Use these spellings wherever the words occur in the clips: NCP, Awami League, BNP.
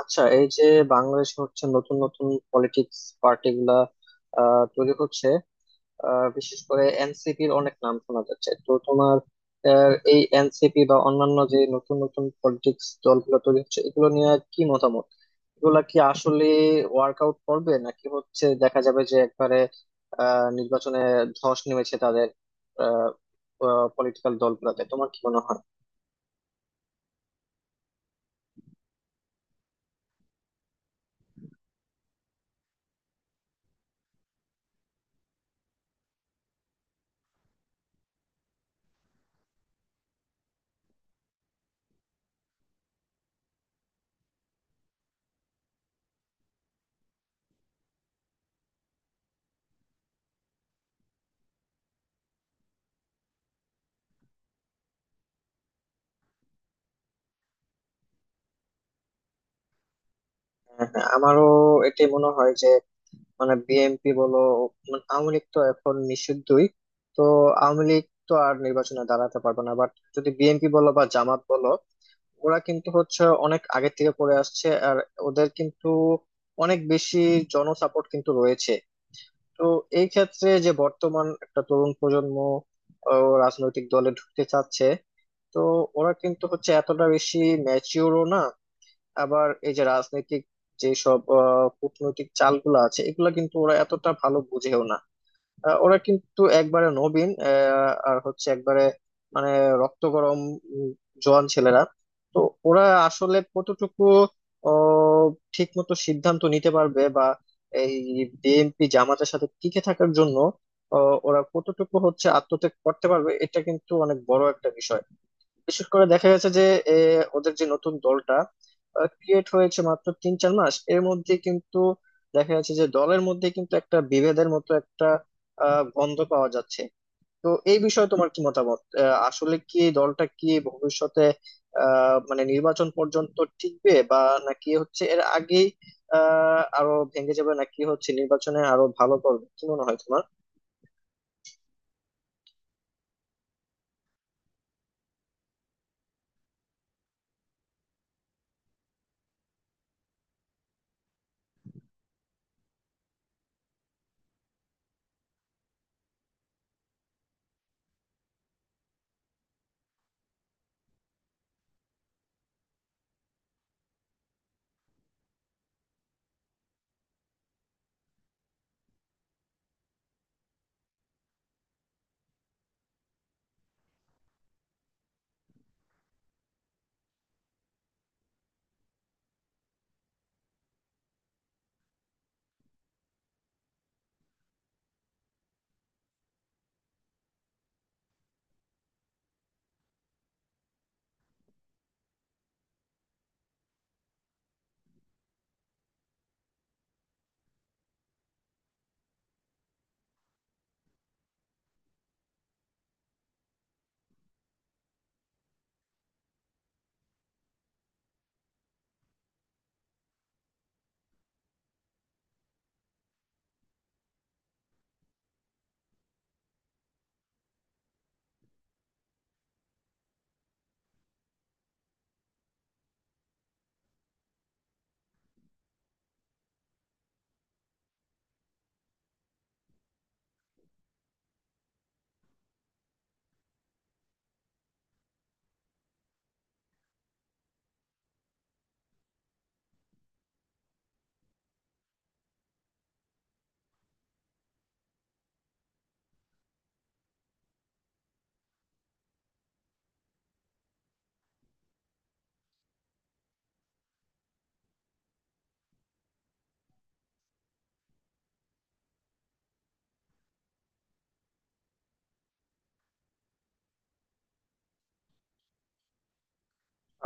আচ্ছা, এই যে বাংলাদেশ হচ্ছে নতুন নতুন পলিটিক্স পার্টি গুলা তৈরি হচ্ছে। বিশেষ করে এনসিপির অনেক নাম শোনা যাচ্ছে, তো তোমার এই এনসিপি বা অন্যান্য যে নতুন নতুন পলিটিক্স দলগুলো তৈরি হচ্ছে এগুলো নিয়ে কি মতামত? এগুলা কি আসলে ওয়ার্কআউট করবে, নাকি হচ্ছে দেখা যাবে যে একবারে নির্বাচনে ধস নেমেছে তাদের আহ পলিটিক্যাল দলগুলোতে, তোমার কি মনে হয়? হ্যাঁ, হ্যাঁ, আমারও এটাই মনে হয় যে মানে বিএনপি বলো, মানে আওয়ামী লীগ তো এখন নিষিদ্ধই, তো আওয়ামী লীগ তো আর নির্বাচনে দাঁড়াতে পারবে না, বাট যদি বিএনপি বলো বা জামাত বলো, ওরা কিন্তু হচ্ছে অনেক আগে থেকে পড়ে আসছে, আর ওদের কিন্তু অনেক বেশি জনসাপোর্ট কিন্তু রয়েছে। তো এই ক্ষেত্রে যে বর্তমান একটা তরুণ প্রজন্ম ও রাজনৈতিক দলে ঢুকতে চাচ্ছে, তো ওরা কিন্তু হচ্ছে এতটা বেশি ম্যাচিওরও না। আবার এই যে রাজনৈতিক যেসব কূটনৈতিক চালগুলো আছে এগুলা কিন্তু ওরা এতটা ভালো বুঝেও না। ওরা কিন্তু একবারে নবীন, আর হচ্ছে একবারে মানে রক্ত গরম উম, জোয়ান ছেলেরা। তো ওরা আসলে কতটুকু ঠিক মতো সিদ্ধান্ত নিতে পারবে, বা এই বিএনপি জামাতের সাথে টিকে থাকার জন্য ওরা কতটুকু হচ্ছে আত্মত্যাগ করতে পারবে, এটা কিন্তু অনেক বড় একটা বিষয়। বিশেষ করে দেখা গেছে যে এ, ওদের যে নতুন দলটা ক্রিয়েট হয়েছে মাত্র তিন চার মাস, এর মধ্যে কিন্তু দেখা যাচ্ছে যে দলের মধ্যে কিন্তু একটা বিভেদের মতো একটা গন্ধ পাওয়া যাচ্ছে। তো এই বিষয়ে তোমার কি মতামত? আসলে কি এই দলটা কি ভবিষ্যতে মানে নির্বাচন পর্যন্ত টিকবে, বা নাকি হচ্ছে এর আগেই আরো ভেঙে যাবে, নাকি হচ্ছে নির্বাচনে আরো ভালো করবে, কি মনে হয় তোমার?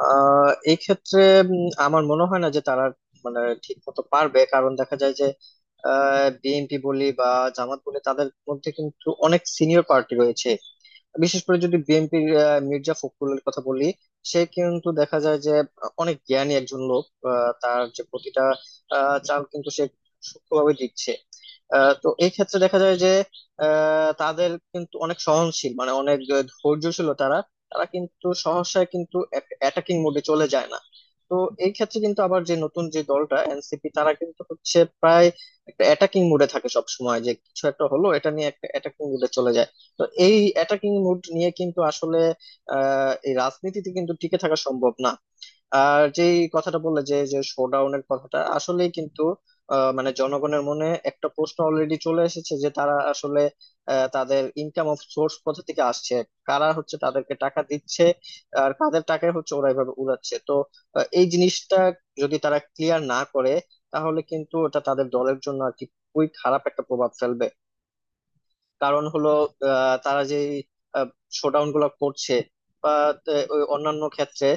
এই ক্ষেত্রে আমার মনে হয় না যে তারা মানে ঠিক মতো পারবে, কারণ দেখা যায় যে বিএনপি বলি বা জামাত বলি তাদের মধ্যে কিন্তু অনেক সিনিয়র পার্টি রয়েছে। বিশেষ করে যদি বিএনপির মির্জা ফখরুলের কথা বলি, সে কিন্তু দেখা যায় যে অনেক জ্ঞানী একজন লোক। তার যে প্রতিটা চাল কিন্তু সে সূক্ষ্মভাবে দিচ্ছে। তো এই ক্ষেত্রে দেখা যায় যে তাদের কিন্তু অনেক সহনশীল, মানে অনেক ধৈর্যশীল তারা। তারা কিন্তু সহসায় কিন্তু অ্যাটাকিং মোডে চলে যায় না। তো এই ক্ষেত্রে কিন্তু আবার যে নতুন যে দলটা এনসিপি, তারা কিন্তু হচ্ছে প্রায় একটা অ্যাটাকিং মুডে থাকে সব সময়, যে কিছু একটা হলো এটা নিয়ে একটা অ্যাটাকিং মুডে চলে যায়। তো এই অ্যাটাকিং মুড নিয়ে কিন্তু আসলে এই রাজনীতিতে কিন্তু টিকে থাকা সম্ভব না। আর যে কথাটা বললে যে যে শোডাউনের কথাটা আসলেই কিন্তু মানে জনগণের মনে একটা প্রশ্ন অলরেডি চলে এসেছে, যে তারা আসলে তাদের ইনকাম অফ সোর্স কোথা থেকে আসছে, কারা হচ্ছে তাদেরকে টাকা দিচ্ছে, আর কাদের টাকা হচ্ছে ওরা এভাবে উড়াচ্ছে। তো এই জিনিসটা যদি তারা ক্লিয়ার না করে তাহলে কিন্তু ওটা তাদের দলের জন্য আর কি খুবই খারাপ একটা প্রভাব ফেলবে। কারণ হলো তারা যে শোডাউন গুলো করছে, বা ওই অন্যান্য ক্ষেত্রে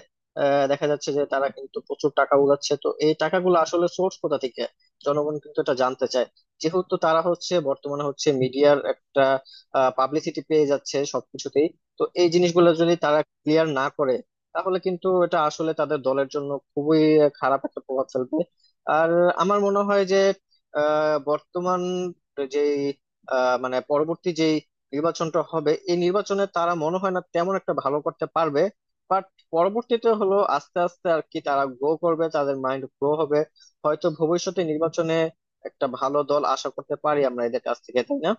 দেখা যাচ্ছে যে তারা কিন্তু প্রচুর টাকা উড়াচ্ছে, তো এই টাকাগুলো আসলে সোর্স কোথা থেকে, জনগণ কিন্তু এটা জানতে চায়। যেহেতু তারা হচ্ছে বর্তমানে হচ্ছে মিডিয়ার একটা পাবলিসিটি পেয়ে যাচ্ছে সবকিছুতেই, তো এই জিনিসগুলো যদি তারা ক্লিয়ার না করে তাহলে কিন্তু এটা আসলে তাদের দলের জন্য খুবই খারাপ একটা প্রভাব ফেলবে। আর আমার মনে হয় যে বর্তমান যে মানে পরবর্তী যে নির্বাচনটা হবে, এই নির্বাচনে তারা মনে হয় না তেমন একটা ভালো করতে পারবে, বাট পরবর্তীতে হলো আস্তে আস্তে আর কি তারা গ্রো করবে, তাদের মাইন্ড গ্রো হবে। হয়তো ভবিষ্যতে নির্বাচনে একটা ভালো দল আশা করতে পারি আমরা এদের কাছ থেকে, তাই না?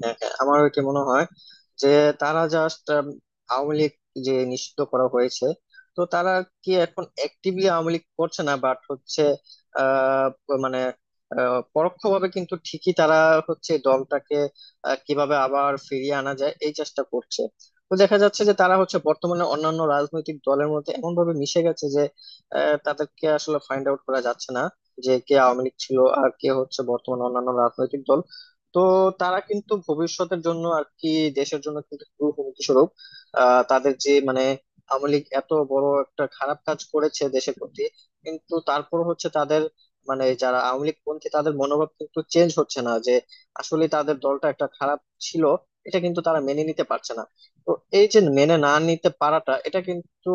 হ্যাঁ, হ্যাঁ, আমার কি মনে হয় যে তারা জাস্ট আওয়ামী লীগ যে নিষিদ্ধ করা হয়েছে, তো তারা কি এখন অ্যাক্টিভলি আওয়ামী লীগ করছে না, বাট হচ্ছে আহ মানে পরোক্ষভাবে কিন্তু ঠিকই তারা হচ্ছে দলটাকে কিভাবে আবার ফিরিয়ে আনা যায় এই চেষ্টা করছে। তো দেখা যাচ্ছে যে তারা হচ্ছে বর্তমানে অন্যান্য রাজনৈতিক দলের মধ্যে এমন ভাবে মিশে গেছে যে তাদেরকে আসলে ফাইন্ড আউট করা যাচ্ছে না, যে কে আওয়ামী লীগ ছিল আর কে হচ্ছে বর্তমানে অন্যান্য রাজনৈতিক দল। তো তারা কিন্তু ভবিষ্যতের জন্য আর কি দেশের জন্য কিন্তু খুবই হুমকি স্বরূপ। তাদের যে মানে আওয়ামী লীগ এত বড় একটা খারাপ কাজ করেছে দেশের প্রতি, কিন্তু তারপর হচ্ছে তাদের মানে যারা আওয়ামী লীগ পন্থী তাদের মনোভাব কিন্তু চেঞ্জ হচ্ছে না যে আসলে তাদের দলটা একটা খারাপ ছিল, এটা কিন্তু তারা মেনে নিতে পারছে না। তো এই যে মেনে না নিতে পারাটা, এটা কিন্তু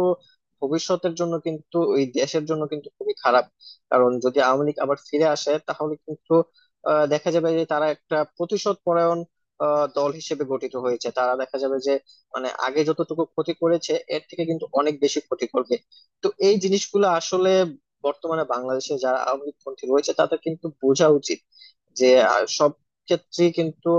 ভবিষ্যতের জন্য কিন্তু ওই দেশের জন্য কিন্তু খুবই খারাপ, কারণ যদি আওয়ামী লীগ আবার ফিরে আসে তাহলে কিন্তু দেখা যাবে যে তারা একটা প্রতিশোধ পরায়ণ দল হিসেবে গঠিত হয়েছে, তারা দেখা যাবে যে মানে আগে যতটুকু ক্ষতি করেছে এর থেকে কিন্তু অনেক বেশি ক্ষতি করবে। তো এই জিনিসগুলো আসলে বর্তমানে বাংলাদেশে যারা আওয়ামী লীগপন্থী রয়েছে তাদের কিন্তু বোঝা উচিত যে সব ক্ষেত্রেই কিন্তু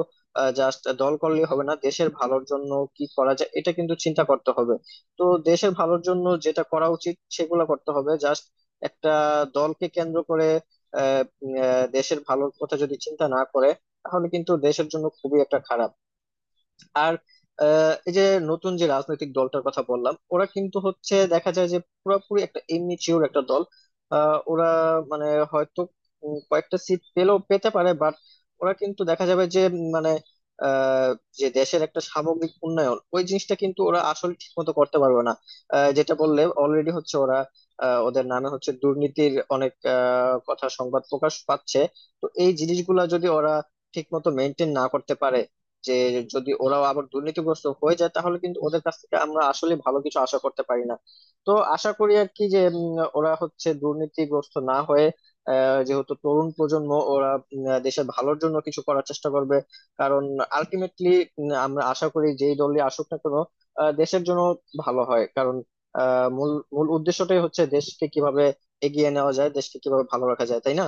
জাস্ট দল করলেই হবে না, দেশের ভালোর জন্য কি করা যায় এটা কিন্তু চিন্তা করতে হবে। তো দেশের ভালোর জন্য যেটা করা উচিত সেগুলো করতে হবে, জাস্ট একটা দলকে কেন্দ্র করে দেশের ভালোর কথা যদি চিন্তা না করে তাহলে কিন্তু দেশের জন্য খুবই একটা খারাপ। আর এই যে নতুন যে রাজনৈতিক দলটার কথা বললাম, ওরা কিন্তু হচ্ছে দেখা যায় যে পুরোপুরি একটা ইমেচিওর একটা দল। ওরা মানে হয়তো কয়েকটা সিট পেলেও পেতে পারে, বাট ওরা কিন্তু দেখা যাবে যে মানে আহ, যে দেশের একটা সামগ্রিক উন্নয়ন, ওই জিনিসটা কিন্তু ওরা আসলে ঠিক মতো করতে পারবে না। যেটা বললে অলরেডি হচ্ছে ওরা, ওদের নামে হচ্ছে দুর্নীতির অনেক কথা সংবাদ প্রকাশ পাচ্ছে। তো এই জিনিসগুলা যদি ওরা ঠিক মতো মেনটেন না করতে পারে, যে যদি ওরাও আবার দুর্নীতিগ্রস্ত হয়ে যায়, তাহলে কিন্তু ওদের কাছ থেকে আমরা আসলে ভালো কিছু আশা করতে পারি না। তো আশা করি আর কি যে ওরা হচ্ছে দুর্নীতিগ্রস্ত না হয়ে যেহেতু তরুণ প্রজন্ম ওরা দেশের ভালোর জন্য কিছু করার চেষ্টা করবে। কারণ আলটিমেটলি আমরা আশা করি যেই দলই আসুক না কেন দেশের জন্য ভালো হয়, কারণ মূল মূল উদ্দেশ্যটাই হচ্ছে দেশকে কিভাবে এগিয়ে নেওয়া যায়, দেশকে কিভাবে ভালো রাখা যায়, তাই না?